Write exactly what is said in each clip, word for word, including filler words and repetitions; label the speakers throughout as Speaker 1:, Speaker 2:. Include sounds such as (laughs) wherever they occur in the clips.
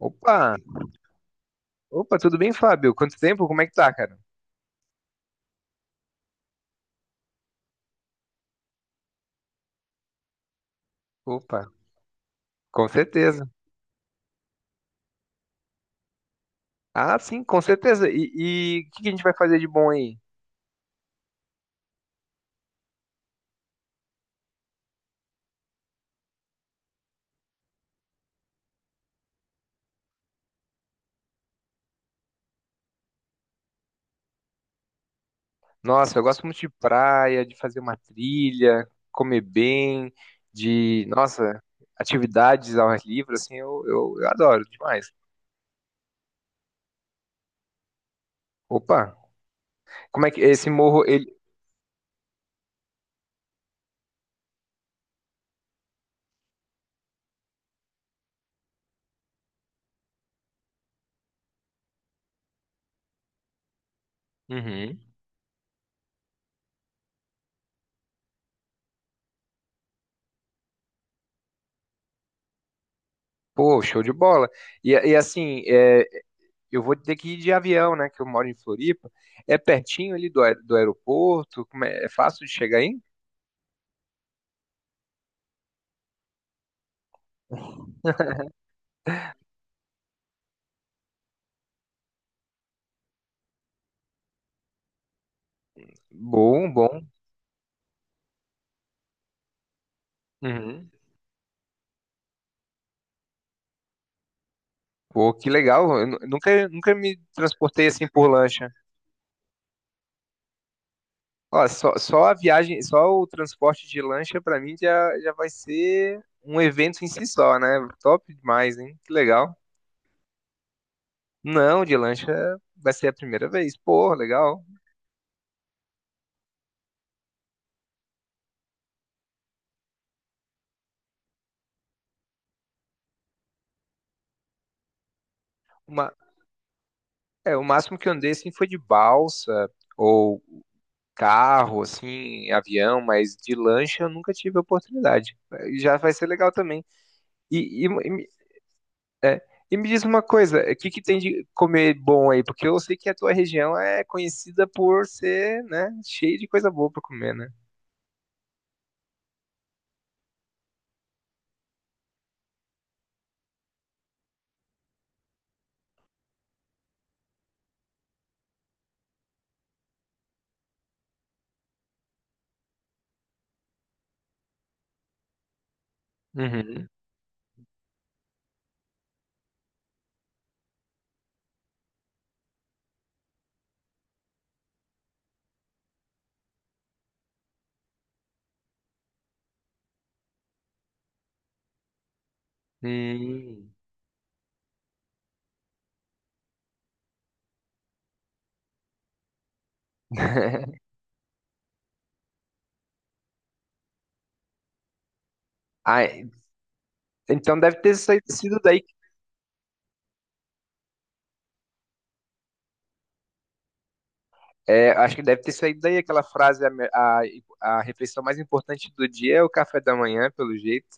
Speaker 1: Opa! Opa, tudo bem, Fábio? Quanto tempo? Como é que tá, cara? Opa, com certeza. Ah, sim, com certeza. E e o que que a gente vai fazer de bom aí? Nossa, eu gosto muito de praia, de fazer uma trilha, comer bem, de, nossa, atividades ao ar livre, assim, eu, eu, eu adoro demais. Opa, como é que esse morro, ele... Uhum. Pô, show de bola. E, e assim, é, eu vou ter que ir de avião, né, que eu moro em Floripa. É pertinho ali do, aer- do aeroporto, como é, é fácil de chegar aí? Bom, bom. Uhum. Pô, que legal. Eu nu- nunca, nunca me transportei assim por lancha. Ó, só, só a viagem, só o transporte de lancha pra mim já, já vai ser um evento em si só, né? Top demais, hein? Que legal. Não, de lancha vai ser a primeira vez. Pô, legal. Uma, é, o máximo que eu andei assim foi de balsa ou carro, assim, avião, mas de lancha eu nunca tive a oportunidade. Já vai ser legal também. E, e, é. E me diz uma coisa, o que que tem de comer bom aí? Porque eu sei que a tua região é conhecida por ser, né, cheia de coisa boa pra comer, né? Uhum. Hum. (laughs) Ah, então deve ter saído sido daí. É, acho que deve ter saído daí aquela frase: a, me- a, a refeição mais importante do dia é o café da manhã, pelo jeito,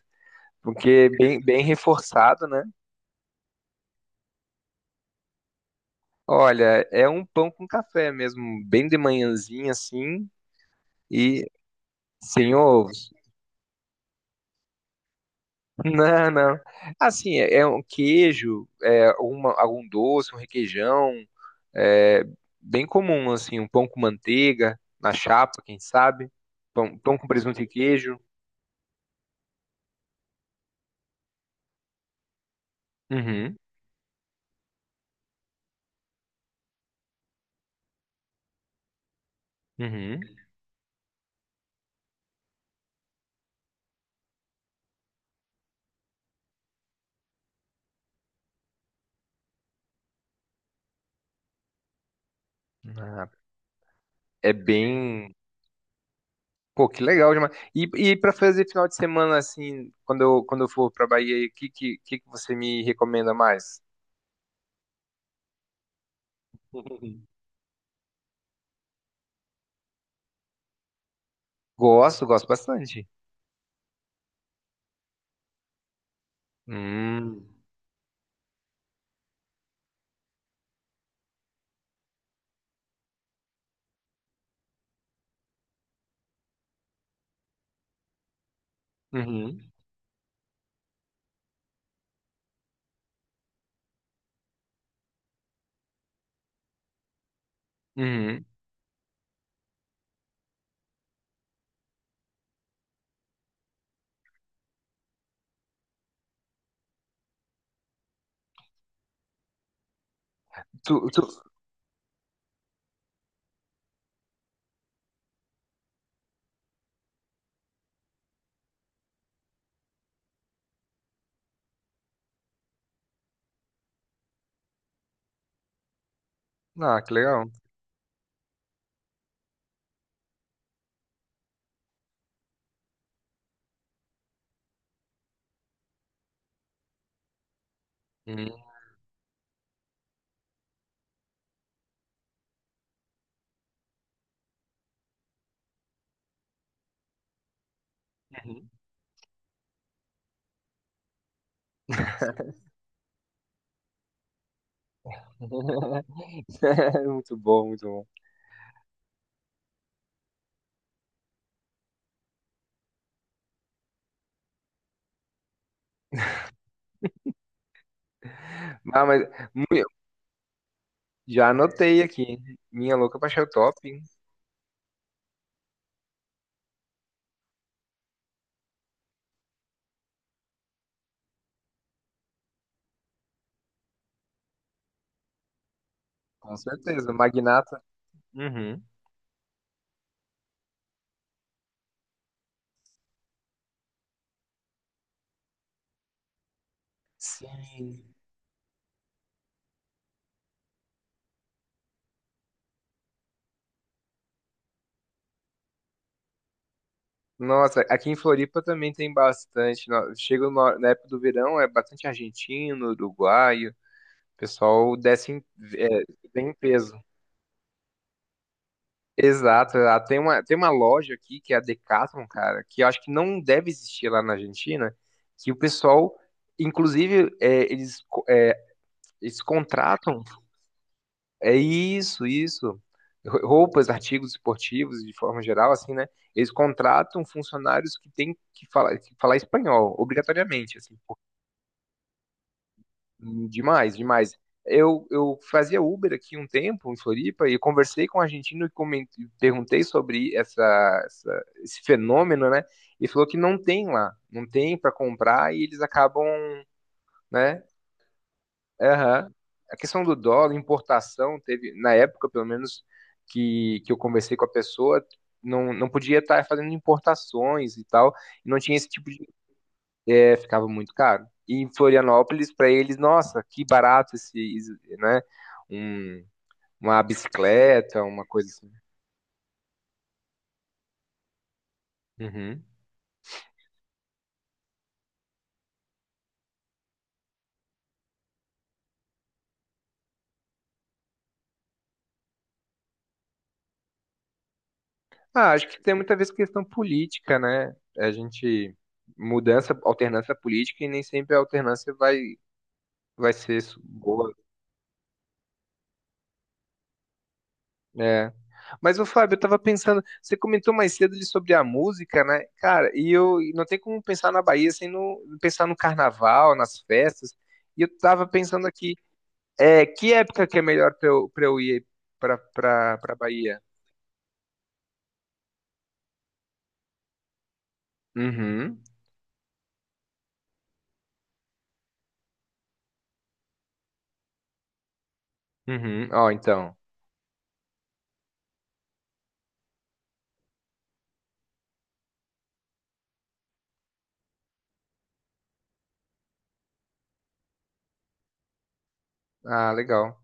Speaker 1: porque é bem, bem reforçado, né? Olha, é um pão com café mesmo, bem de manhãzinha assim, e sem ovos. Não, não. Assim, é é um queijo, é alguma, algum doce, um requeijão, é bem comum, assim, um pão com manteiga, na chapa, quem sabe? Pão, pão com presunto e queijo. Uhum, uhum. Ah, é bem. Pô, que legal demais. E, e para fazer final de semana, assim, quando eu, quando eu for pra Bahia, o que, que, que que você me recomenda mais? (laughs) Gosto, gosto bastante. Hum, uhum, uhum. Tu, tu... Ah, que legal. Hum. (laughs) Muito bom, muito bom. Ah, mas mu- já anotei aqui. Minha louca pra achar o top, hein? Com certeza. Magnata. Uhum. Sim. Nossa, aqui em Floripa também tem bastante. No- Chega no- na época do verão, é bastante argentino, uruguaio. O pessoal desce em, é, bem em peso. Exato, exato. Tem uma, tem uma loja aqui que é a Decathlon, cara, que eu acho que não deve existir lá na Argentina, que o pessoal, inclusive, é, eles... Eles contratam. É isso, isso. Ro- Roupas, artigos esportivos, de forma geral, assim, né? Eles contratam funcionários que têm que falar, que falar espanhol, obrigatoriamente, assim. Pô, demais, demais. Eu, eu fazia Uber aqui um tempo, em Floripa, e conversei com um argentino e coment- perguntei sobre essa, essa- esse fenômeno, né? E falou que não tem lá, não tem para comprar e eles acabam, né? Aham. A questão do dólar, importação, teve, na época, pelo menos, que, que eu conversei com a pessoa, não, não podia estar fazendo importações e tal, e não tinha esse tipo de. É, ficava muito caro. E em Florianópolis, para eles, nossa, que barato esse, esse, né? Um, uma bicicleta, uma coisa assim. Uhum. Ah, acho que tem muita vez questão política, né? A gente... Mudança, alternância política, e nem sempre a alternância vai, vai ser boa. É. Mas, ô Fábio, eu tava pensando, você comentou mais cedo ali sobre a música, né? Cara, e eu e não tem como pensar na Bahia sem não pensar no carnaval, nas festas. E eu tava pensando aqui, é, que época que é melhor pra eu, pra eu ir pra, pra, pra Bahia? Uhum, uhum, ó, então. Ah, legal.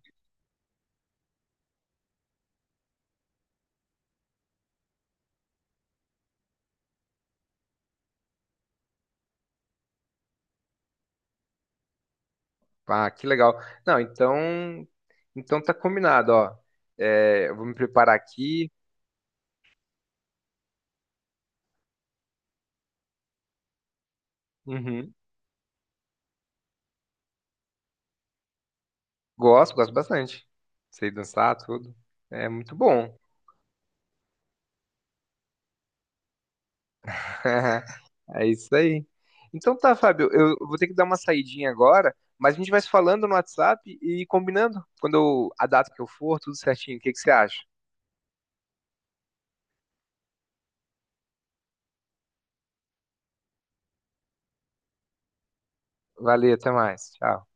Speaker 1: Ah, que legal. Não, então, então tá combinado, ó. É, eu vou me preparar aqui. Uhum. Gosto, gosto bastante. Sei dançar, tudo. É muito bom. (laughs) É isso aí. Então tá, Fábio, eu vou ter que dar uma saidinha agora, mas a gente vai se falando no WhatsApp e combinando quando eu- a data que eu for, tudo certinho. O que que você acha? Valeu, até mais. Tchau.